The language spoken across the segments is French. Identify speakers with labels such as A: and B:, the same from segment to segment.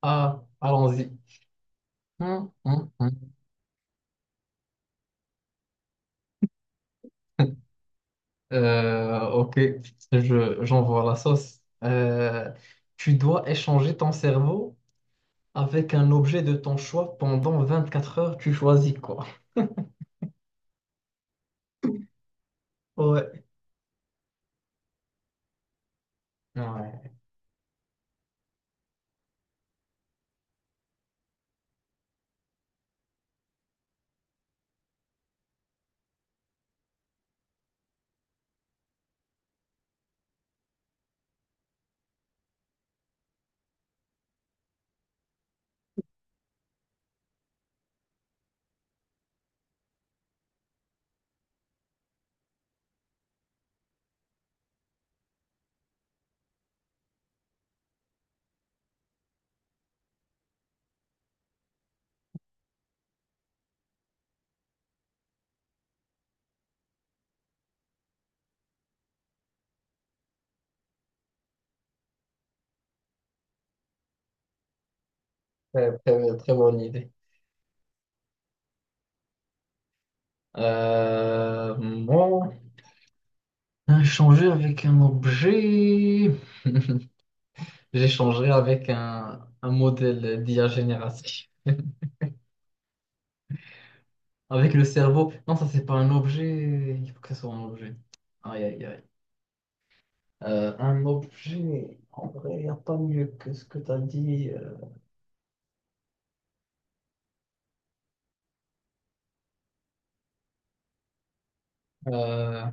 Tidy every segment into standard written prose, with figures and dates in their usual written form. A: Ah, allons-y. Hum, hum, hum. Ok, j'envoie la sauce. Tu dois échanger ton cerveau avec un objet de ton choix pendant 24 heures. Tu choisis quoi? Ouais. Ouais, très bonne idée. Moi, échanger avec un objet. J'échangerai avec un modèle d'IA génératif. Avec le cerveau. Non, ça, c'est pas un objet. Il faut que ça soit un objet. Aïe, aïe, aïe. Un objet. En vrai, il n'y a pas mieux que ce que tu as dit. Euh,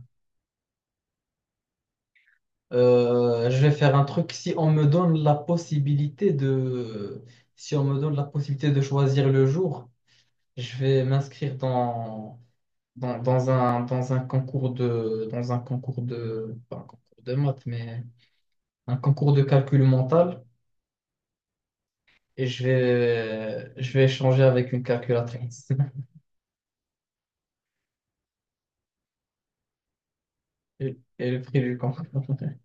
A: je vais faire un truc. Si on me donne la possibilité si on me donne la possibilité de choisir le jour, je vais m'inscrire dans un concours de, pas un concours de maths, mais un concours de calcul mental. Et je vais échanger avec une calculatrice et le prix du camp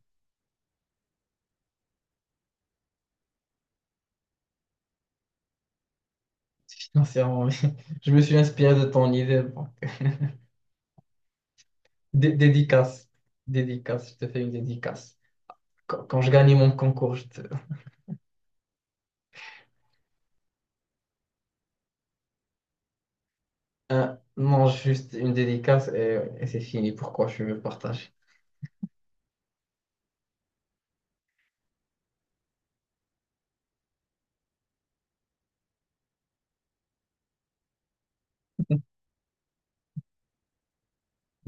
A: financièrement. Oui. Je me suis inspiré de ton idée. Bon. Dédicace, dédicace, je te fais une dédicace. Quand je gagne mon concours, je te mange juste une dédicace et c'est fini. Pourquoi je veux partager?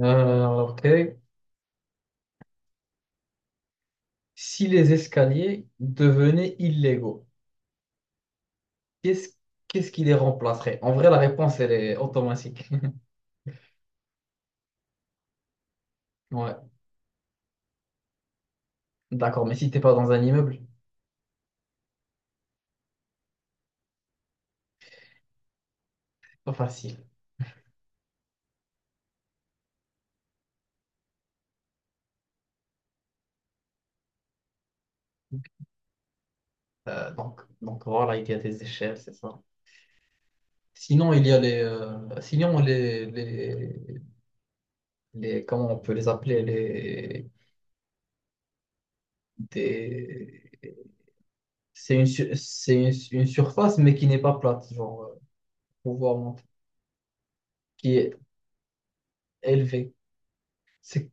A: Ok. Si les escaliers devenaient illégaux, qu'est-ce qu'est-ce qui les remplacerait? En vrai, la réponse, elle est automatique. Ouais, d'accord, mais si t'es pas dans un immeuble, c'est pas facile. Donc voilà, il y a des échelles, c'est ça. Sinon, il y a les, sinon comment on peut les appeler, les, des, c'est une surface, mais qui n'est pas plate, genre, pour voir monter, qui est élevée. C'est,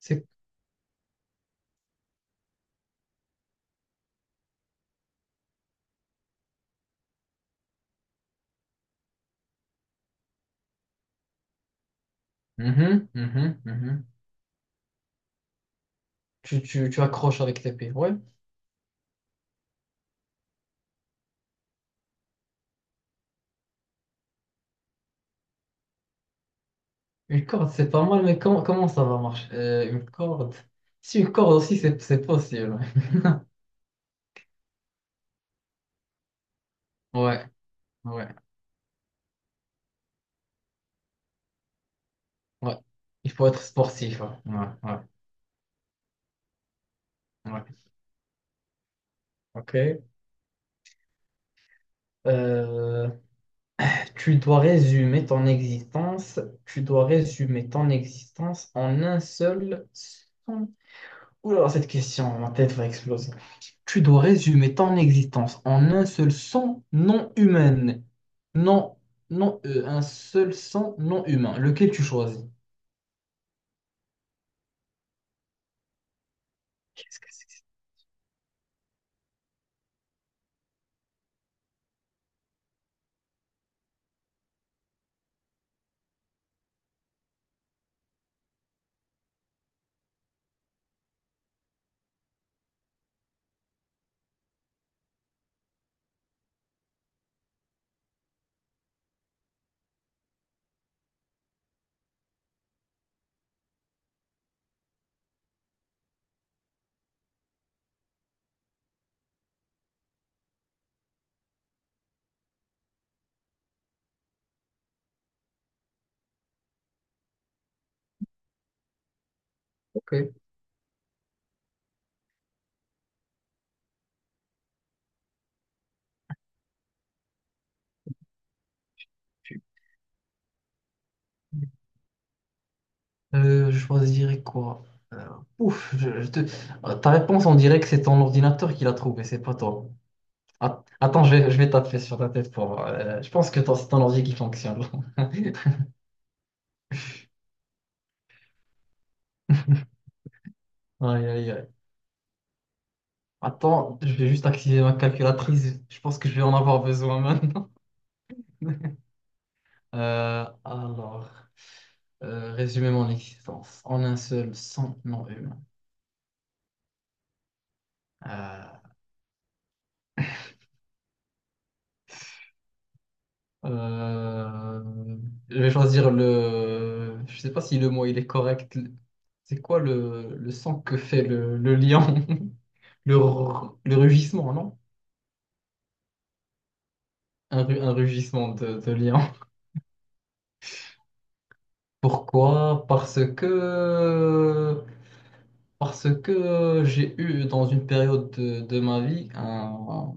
A: c'est. Mhm, mhm, mhm. Tu accroches avec tes pieds, ouais. Une corde, c'est pas mal, mais comment ça va marcher? Une corde. Si une corde aussi, c'est possible. Ouais, ouais. Ouais. Il faut être sportif, hein. Ouais, ouais, ouais. Ok. Euh, tu dois résumer ton existence. Tu dois résumer ton existence en un seul son. Oula, cette question, ma tête va exploser. Tu dois résumer ton existence en un seul son non humain. Non, non, un seul son non humain. Lequel tu choisis? Qu'est-ce que c'est que ça? Ok. Je choisirais quoi? Euh, ouf, je te. Ta réponse, on dirait que c'est ton ordinateur qui l'a trouvé, c'est pas toi. Attends, je vais taper sur ta tête pour voir. Je pense que toi, c'est ton ordi qui fonctionne. Aïe, aïe, aïe. Attends, je vais juste activer ma calculatrice. Je pense que je vais en avoir besoin maintenant. Alors, résumer mon existence en un seul sans non humain. Euh, Euh, je vais choisir le. Je sais pas si le mot il est correct. C'est quoi le son que fait le lion? Le rugissement, non? Un rugissement de lion. Pourquoi? Parce que. Parce que j'ai eu dans une période de ma vie un,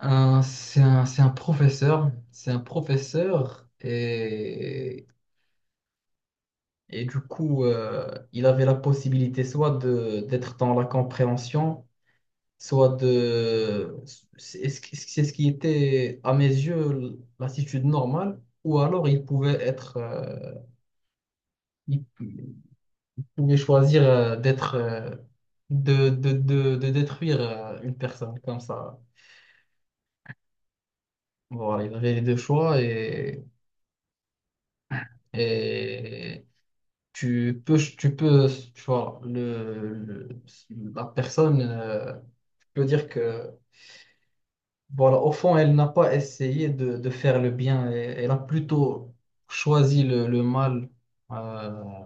A: un- c'est un professeur. C'est un professeur et. Et du coup, il avait la possibilité soit de d'être dans la compréhension, soit de. C'est ce qui était, à mes yeux, l'attitude normale, ou alors il pouvait être, il pouvait choisir, d'être, de détruire, une personne comme ça. Voilà, il avait les deux choix et tu peux, tu vois, la personne, tu peux dire que voilà, au fond, elle n'a pas essayé de faire le bien, elle a plutôt choisi le mal. Euh,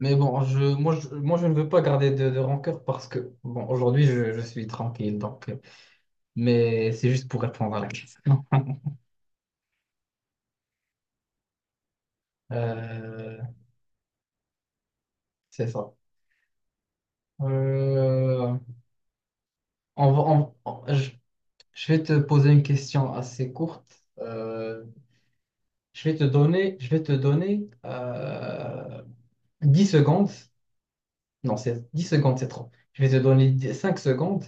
A: mais bon, je ne veux pas garder de rancœur parce que, bon, aujourd'hui, je suis tranquille, donc, mais c'est juste pour répondre à la question. Euh, c'est ça. Euh, on va- on- je vais te poser une question assez courte. Je vais te donner 10 secondes. Non, c'est 10 secondes, c'est trop. Je vais te donner 5 secondes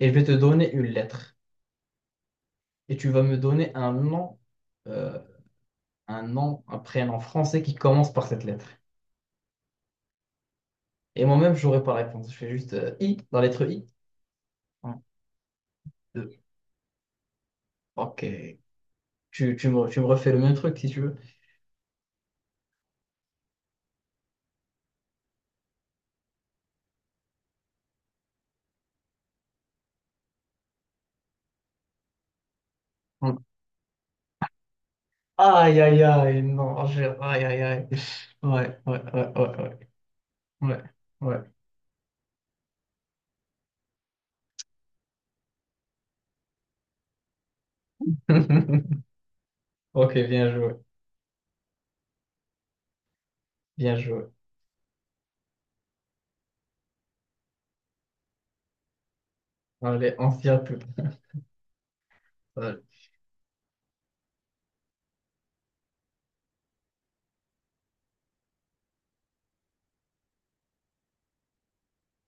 A: et je vais te donner une lettre. Et tu vas me donner un nom, euh, un prénom français qui commence par cette lettre. Et moi-même, je n'aurai pas la réponse. Je fais juste I, la lettre I. Un, deux, ok. Tu me refais le même truc si tu veux. Un. Aïe, aïe, aïe, non, aïe, aïe, aïe. Ouais, ouais, ouais, ouais, ouais, ouais. Ouais. Ok, bien joué, bien joué. Allez, on s'y retrouve.